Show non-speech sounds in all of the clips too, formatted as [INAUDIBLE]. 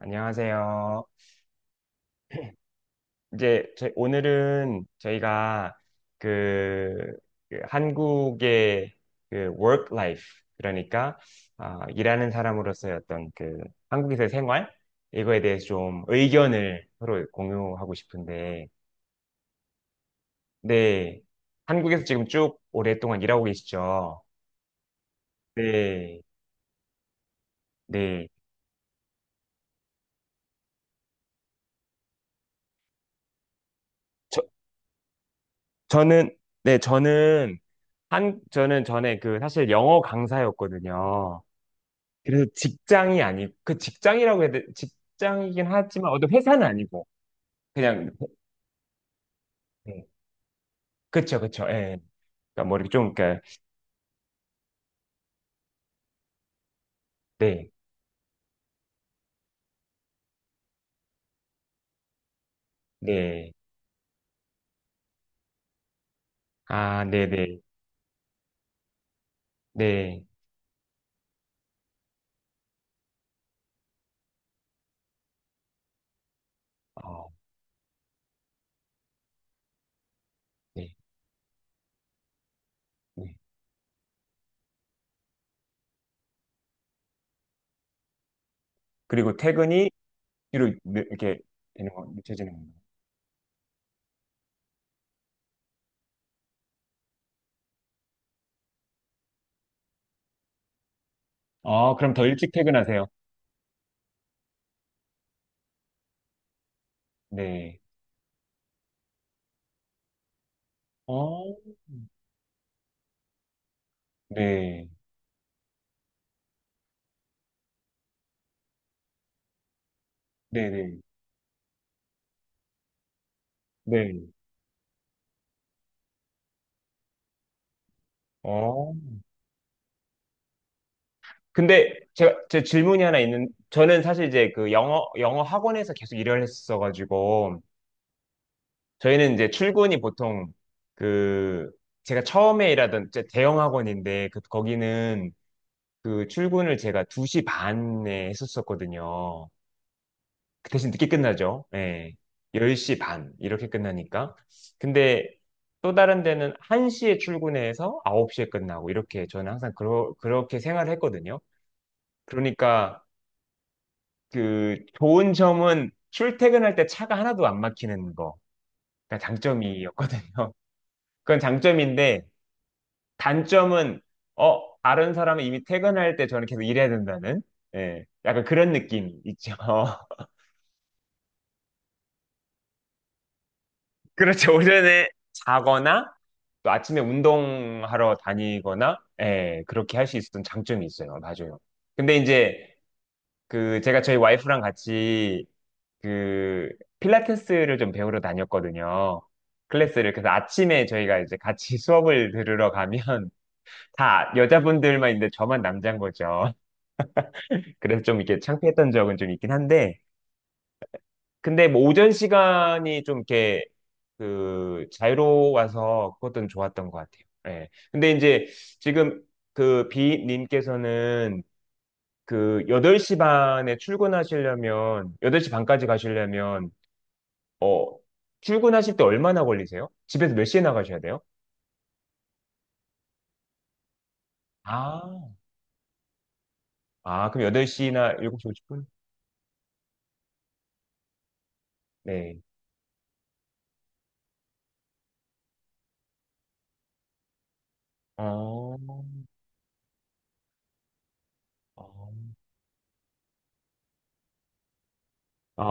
안녕하세요. 오늘은 저희가 그, 그 한국의 그 work life, 그러니까 아, 일하는 사람으로서의 어떤 그 한국에서의 생활, 이거에 대해서 좀 의견을 서로 공유하고 싶은데. 네, 한국에서 지금 쭉 오랫동안 일하고 계시죠? 네, 네. 저, 저는 네 저는 전에 그 사실 영어 강사였거든요. 그래서 직장이 아니고, 그 직장이라고 해야 돼, 직장이긴 하지만 어떤 회사는 아니고, 그냥. 네. 그쵸, 그쵸, 예. 그러니까 뭐 이렇게 좀, 그러니까 네네아네네네어네네. 그리고 퇴근이 뒤로 이렇게 되는 거, 늦춰지는 건가요? 아, 그럼 더 일찍 퇴근하세요? 네. 어. 네, 네, 네, 네. 어. 근데 제가 제 질문이 하나 있는, 저는 사실 이제 그 영어 학원에서 계속 일을 했었어가지고 저희는 이제 출근이 보통, 그, 제가 처음에 일하던 제 대형 학원인데, 그 거기는 그 출근을 제가 2시 반에 했었었거든요. 그 대신 늦게 끝나죠. 예. 10시 반 이렇게 끝나니까. 근데 또 다른 데는 1시에 출근해서 9시에 끝나고 이렇게, 저는 항상 그렇게 생활을 했거든요. 그러니까 그 좋은 점은 출퇴근할 때 차가 하나도 안 막히는 거. 그러니까 장점이었거든요. [LAUGHS] 그건 장점인데, 단점은 다른 사람은 이미 퇴근할 때 저는 계속 일해야 된다는, 예, 약간 그런 느낌 있죠. [LAUGHS] 그렇죠. 오전에 자거나 또 아침에 운동하러 다니거나, 예, 그렇게 할 수 있었던 장점이 있어요. 맞아요. 근데 이제 그 제가 저희 와이프랑 같이 그 필라테스를 좀 배우러 다녔거든요. 클래스를. 그래서 아침에 저희가 이제 같이 [LAUGHS] 수업을 들으러 가면, 다 여자분들만 있는데 저만 남자인 거죠. 그래서 좀 이렇게 창피했던 적은 좀 있긴 한데, 근데 뭐 오전 시간이 좀 이렇게 그 자유로워서 그것도 좋았던 것 같아요. 예. 근데 이제 지금 그 b 님께서는 그 8시 반에 출근하시려면, 8시 반까지 가시려면, 어, 출근하실 때 얼마나 걸리세요? 집에서 몇 시에 나가셔야 돼요? 아. 아, 그럼 8시나 7시 50분? 네. 어. 어. 아,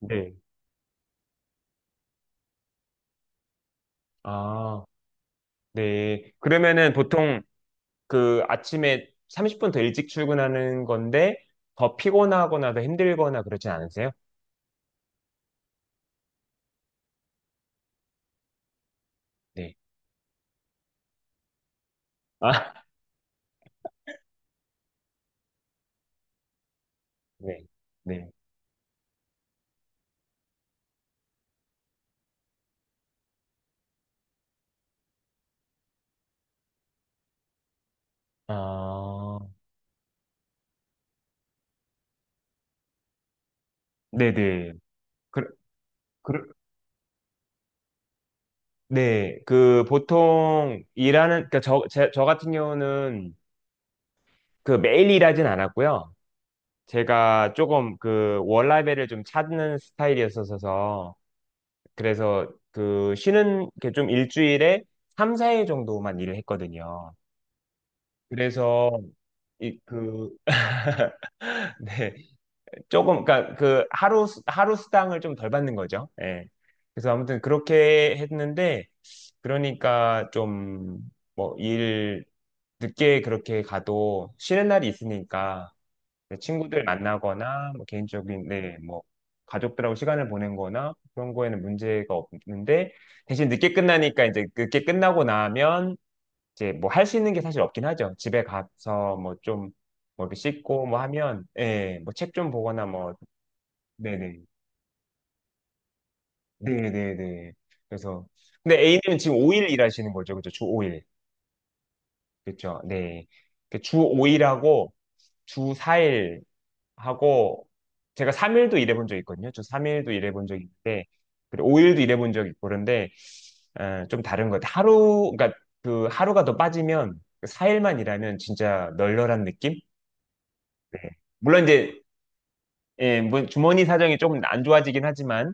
네. 아. 네. 그러면은 보통 그 아침에 30분 더 일찍 출근하는 건데 더 피곤하거나 더 힘들거나 그러진 않으세요? 네. 아. [LAUGHS] 네. 네. 아, 네네. 그, 그, 네. 그 보통 일하는, 그러니까 저 같은 경우는 그 매일 일하진 않았고요. 제가 조금 그 월라벨을 좀 찾는 스타일이었어서, 그래서 그 쉬는 게 좀 일주일에 3, 4일 정도만 일을 했거든요. 그래서 이 그 [LAUGHS] 네. 조금 그러니까 그 하루 수당을 좀 덜 받는 거죠. 예. 그래서 아무튼 그렇게 했는데, 그러니까 좀, 뭐 일 늦게 그렇게 가도 쉬는 날이 있으니까 친구들 만나거나 뭐 개인적인, 네뭐 가족들하고 시간을 보낸 거나 그런 거에는 문제가 없는데. 대신 늦게 끝나니까 이제 늦게 끝나고 나면 이제 뭐 할 수 있는 게 사실 없긴 하죠. 집에 가서 뭐 좀, 뭐 이렇게 씻고 뭐 하면, 예, 뭐 책 좀 보거나 뭐. 네네. 네네네. 그래서, 근데 A님은 지금 5일 일하시는 거죠. 그죠? 주 5일. 그렇죠, 네. 그주 5일하고 주 4일 하고, 제가 3일도 일해본 적 있거든요. 주 3일도 일해본 적 있는데, 그리고 5일도 일해본 적 있고, 그런데, 어, 좀 다른 것 같아요. 하루, 그러니까 그 하루가 더 빠지면, 4일만 일하면 진짜 널널한 느낌? 네. 물론 이제, 예, 뭐 주머니 사정이 조금 안 좋아지긴 하지만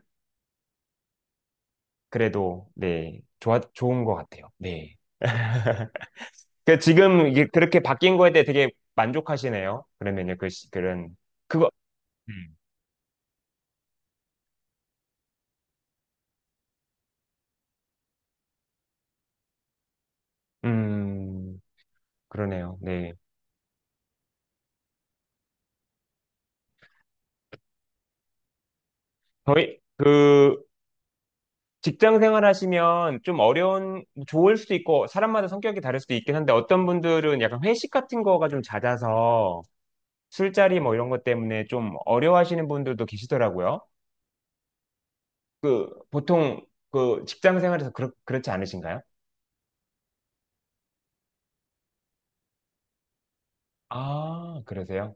그래도, 네, 좋아 좋은 것 같아요. 네. [LAUGHS] 그 지금 이게 그렇게 바뀐 거에 대해 되게 만족하시네요. 그러면요, 그 그런 그거, 음, 음. 그러네요. 네, 저희 그 직장 생활 하시면 좀 어려운, 좋을 수도 있고 사람마다 성격이 다를 수도 있긴 한데, 어떤 분들은 약간 회식 같은 거가 좀 잦아서 술자리 뭐 이런 것 때문에 좀 어려워하시는 분들도 계시더라고요. 보통 그 직장 생활에서 그렇지 않으신가요? 아, 그러세요?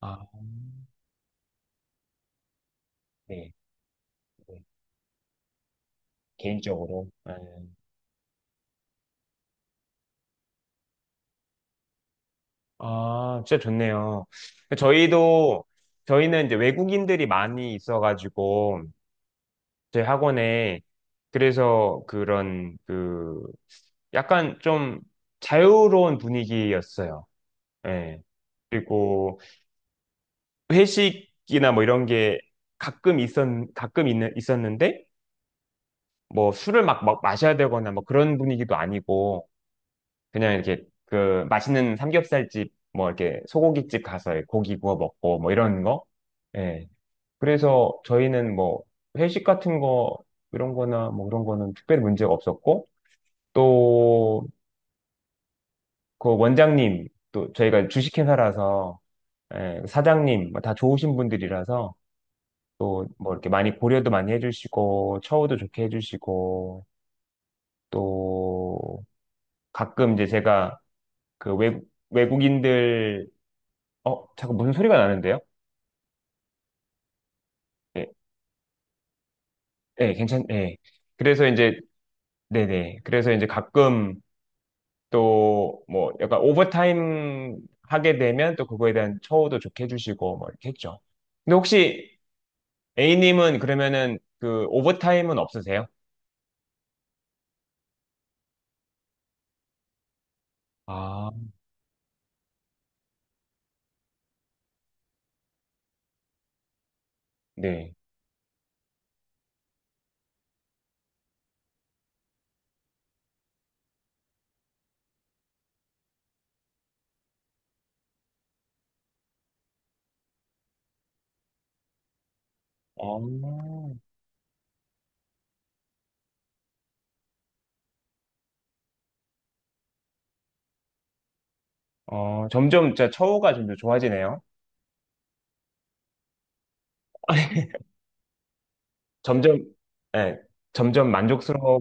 아, 네. 네. 개인적으로. 네. 아, 진짜 좋네요. 저희도, 저희는 이제 외국인들이 많이 있어가지고 저희 학원에, 그래서 그런, 그, 약간 좀 자유로운 분위기였어요. 예. 그리고 회식이나 뭐 이런 게 가끔 있었는데, 뭐 술을 막 마셔야 되거나 뭐 그런 분위기도 아니고 그냥 이렇게 그 맛있는 삼겹살집 뭐 이렇게 소고기집 가서 고기 구워 먹고 뭐 이런 거. 예. 그래서 저희는 뭐 회식 같은 거 이런 거나 뭐 그런 거는 특별히 문제가 없었고. 또 그 원장님, 또 저희가 주식회사라서, 예, 사장님 뭐다 좋으신 분들이라서 또 뭐 이렇게 많이 고려도 많이 해주시고 처우도 좋게 해주시고. 또 가끔 이제 제가 그 외국인들, 어, 잠깐 무슨 소리가 나는데요? 네, 네, 괜찮, 네. 그래서 이제, 네네. 그래서 이제 가끔 또 뭐 약간 오버타임 하게 되면 또 그거에 대한 처우도 좋게 해주시고 뭐 이렇게 했죠. 근데 혹시 A님은 그러면은 그 오버타임은 없으세요? 아, 네. 어. 어, 점점 진짜 처우가 좀 더 좋아지네요. [LAUGHS] 점점, 예, 점점 만족스러워,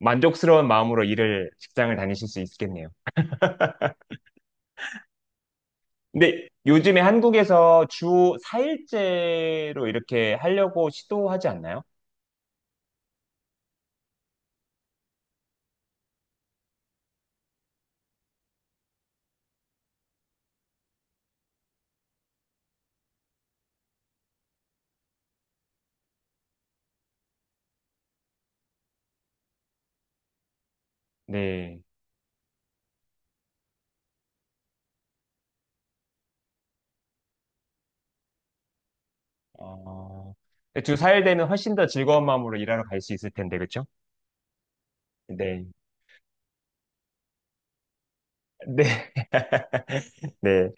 만족스러운 마음으로 일을, 직장을 다니실 수 있겠네요. 근데 요즘에 한국에서 주 4일제로 이렇게 하려고 시도하지 않나요? 네. 어, 주 4일 되면 훨씬 더 즐거운 마음으로 일하러 갈 수 있을 텐데, 그죠? 네. 네. [LAUGHS] 네.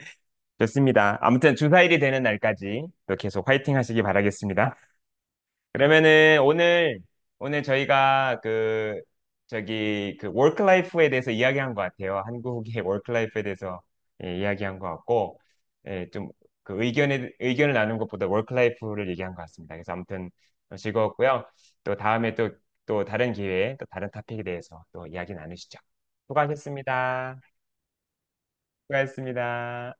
좋습니다. 아무튼 주 4일이 되는 날까지 또 계속 화이팅 하시기 바라겠습니다. 그러면은 오늘 저희가 그, 저기 그 워크라이프에 대해서 이야기한 것 같아요. 한국의 [LAUGHS] 워크라이프에 대해서, 예, 이야기한 것 같고. 예, 좀그 의견에 의견을 나눈 것보다 워크라이프를 얘기한 것 같습니다. 그래서 아무튼 즐거웠고요. 또 다음에 또 또 다른 기회에 또 다른 토픽에 대해서 또 이야기 나누시죠. 수고하셨습니다. 수고하셨습니다.